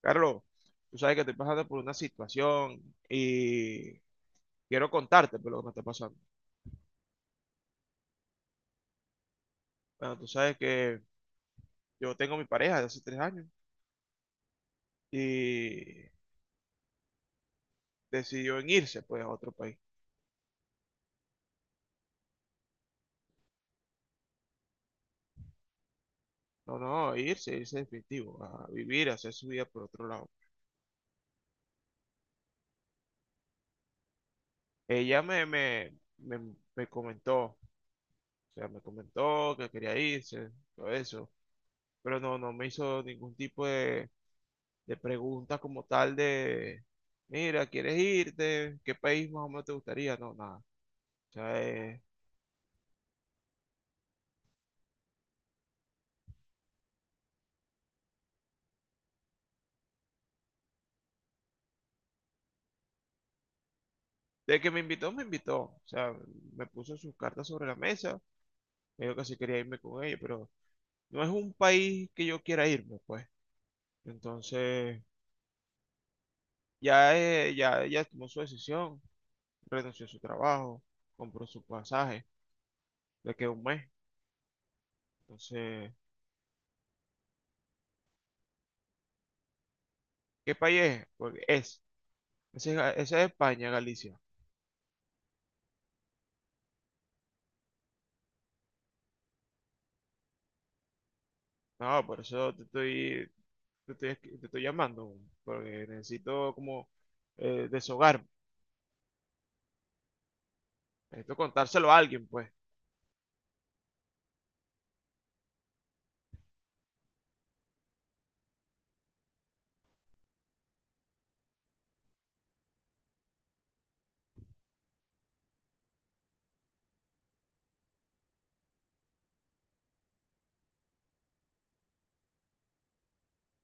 Carlos, tú sabes que estoy pasando por una situación y quiero contarte por lo que me está pasando. Bueno, tú sabes que yo tengo mi pareja de hace 3 años y decidió en irse pues a otro país. No, no, irse, irse definitivo, a vivir, a hacer su vida por otro lado. Ella me, me, me, me comentó, o sea, me comentó que quería irse, todo eso, pero no, no me hizo ningún tipo de preguntas como tal de, mira, ¿quieres irte? ¿Qué país más o menos te gustaría? No, nada. O sea, de que me invitó, me invitó. O sea, me puso sus cartas sobre la mesa. Me dijo que sí quería irme con ella, pero no es un país que yo quiera irme, pues. Entonces, ya, ya ella tomó su decisión, renunció a su trabajo, compró su pasaje, le quedó 1 mes. Entonces, ¿qué país es? Porque es. Ese es España, Galicia. No, por eso te estoy, te estoy llamando, porque necesito como deshogar, necesito contárselo a alguien, pues.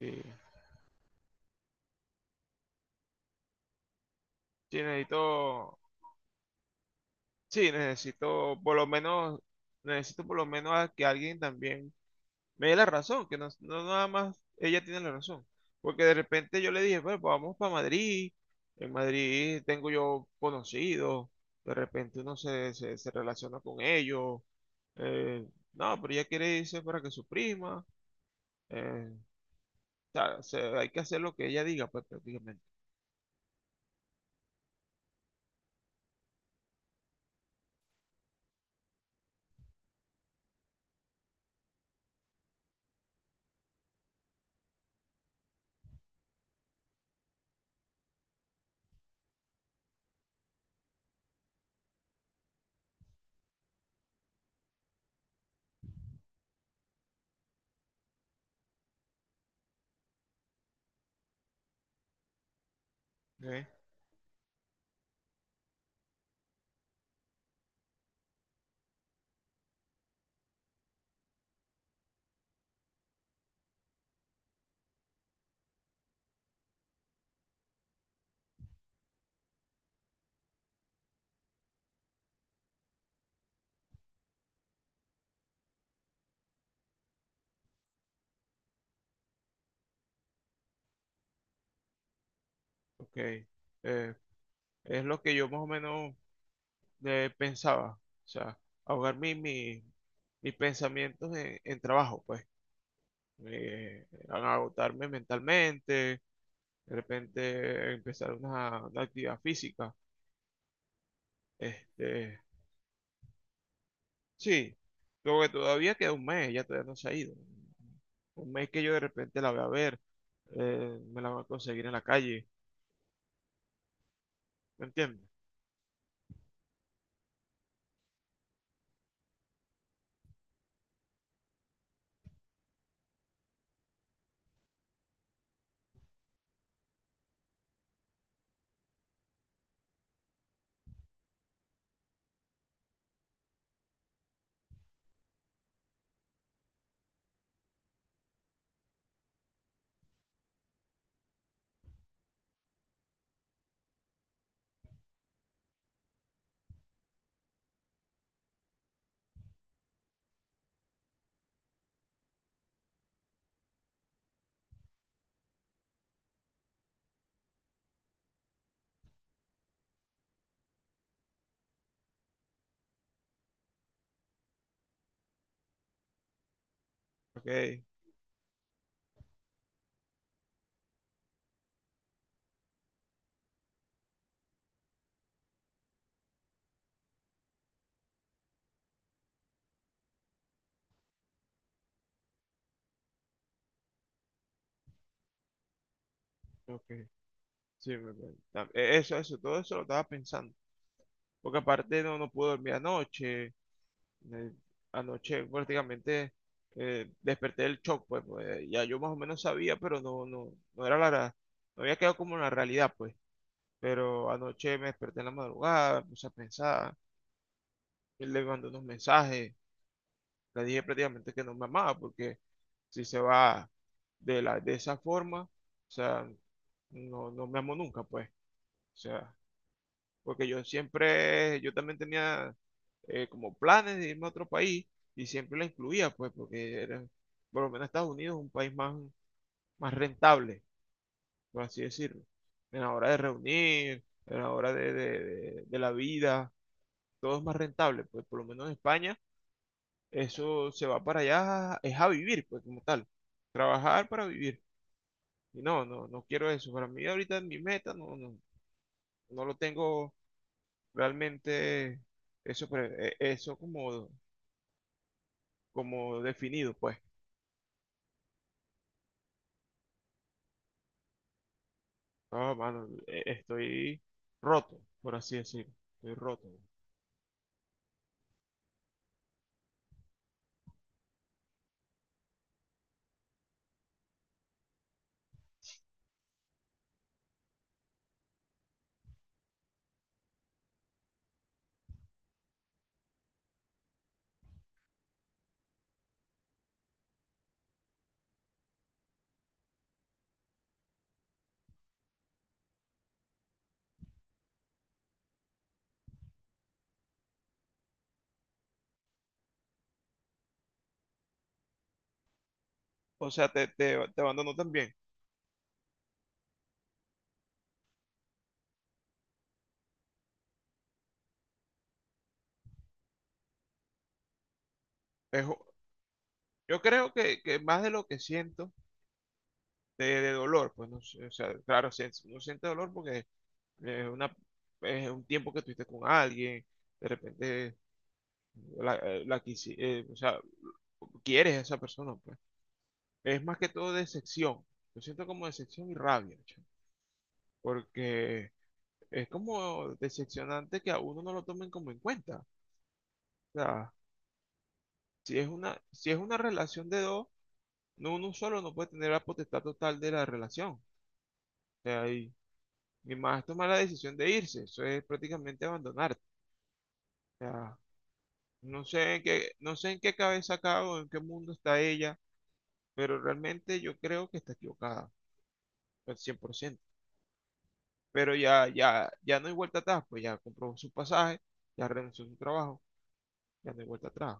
Sí, sí, necesito, sí, necesito por lo menos, necesito por lo menos a que alguien también me dé la razón, que no, no nada más ella tiene la razón. Porque de repente yo le dije, bueno, pues vamos para Madrid, en Madrid tengo yo conocidos, de repente uno se relaciona con ellos, eh, no, pero ella quiere irse para que su prima, eh, hay que hacer lo que ella diga, pues prácticamente. ¿Eh? Ok, eh, es lo que yo más o menos pensaba, o sea, ahogar mi- mi- mis pensamientos en trabajo, pues. A agotarme mentalmente, de repente empezar una actividad física. Este, sí, luego que todavía queda 1 mes, ya todavía no se ha ido. 1 mes que yo de repente la voy a ver, me la voy a conseguir en la calle, ¿me entiendes? Ok, ok, sí, eso, eso, todo eso lo estaba pensando, porque aparte no, no pude dormir anoche. Eh, Anoche prácticamente desperté del shock, pues, pues, ya yo más o menos sabía, pero no, no, no había quedado como en la realidad, pues. Pero anoche me desperté en la madrugada, me puse a pensar, él le mandó unos mensajes, le dije prácticamente que no me amaba, porque si se va de esa forma, o sea, no, no me amó nunca, pues. O sea, porque yo siempre, yo también tenía como planes de irme a otro país y siempre la incluía, pues, porque era, por lo menos Estados Unidos es un país más, más rentable, por así decirlo. En la hora de reunir, en la hora de, de la vida, todo es más rentable, pues, por lo menos en España, eso se va para allá, es a vivir, pues, como tal, trabajar para vivir. Y no, no, no quiero eso. Para mí ahorita mi meta no, no, no lo tengo realmente eso, eso como, como definido, pues. No, mano, estoy roto, por así decirlo. Estoy roto. O sea, te abandono también. Es u- yo creo que más de lo que siento de dolor, pues no sé, o sea, claro, si uno siente dolor porque es una, es un tiempo que estuviste con alguien, de repente o sea, quieres a esa persona, pues. Es más que todo decepción. Yo siento como decepción y rabia, chamo, porque es como decepcionante que a uno no lo tomen como en cuenta. O sea, si es una, si es una relación de dos, no uno solo no puede tener la potestad total de la relación. O sea, y más tomar la decisión de irse, eso es prácticamente abandonarte. O sea, no sé en qué, no sé en qué cabeza acá o en qué mundo está ella, pero realmente yo creo que está equivocada, al 100%. Pero ya, ya, ya no hay vuelta atrás, pues ya compró su pasaje, ya renunció a su trabajo, ya no hay vuelta atrás.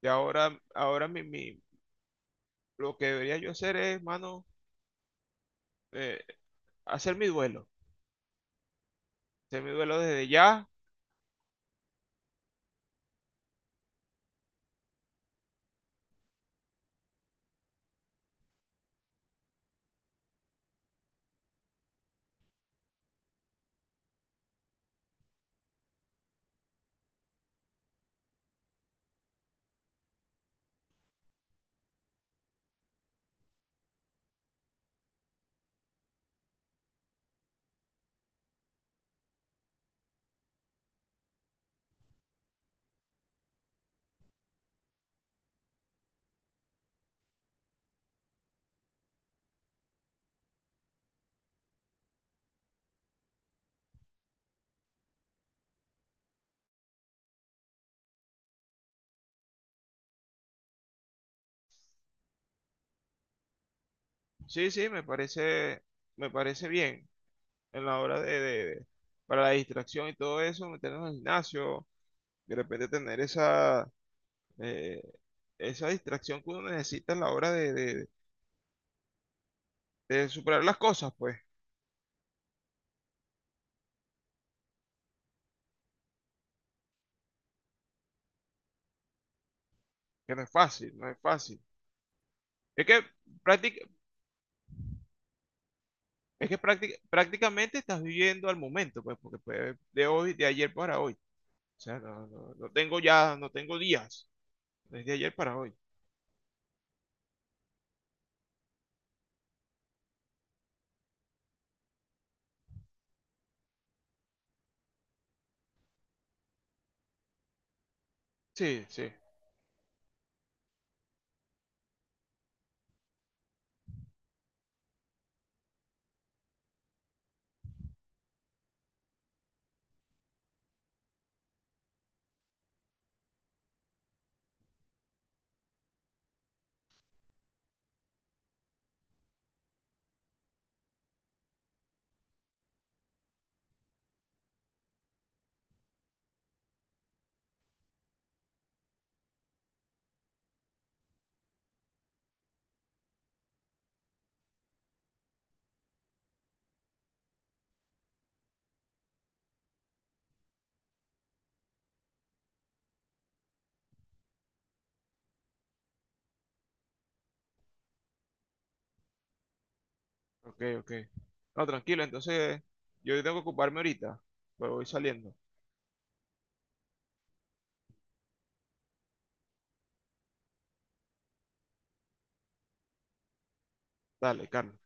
Y ahora, lo que debería yo hacer es, mano, eh, hacer mi duelo. Hacer mi duelo desde ya. Sí, sí, me parece bien en la hora de, para la distracción y todo eso, meternos al gimnasio, de repente tener esa, eh, esa distracción que uno necesita en la hora de, de superar las cosas, pues, que no es fácil, no es fácil. Es que, práctic- prácticamente estás viviendo al momento, pues, porque fue de hoy, de ayer para hoy. O sea, no, no, no tengo ya, no tengo días, desde ayer para hoy. Sí, sí. Ok, ok. No, tranquilo, entonces yo tengo que ocuparme ahorita, pero voy saliendo. Dale, Carlos.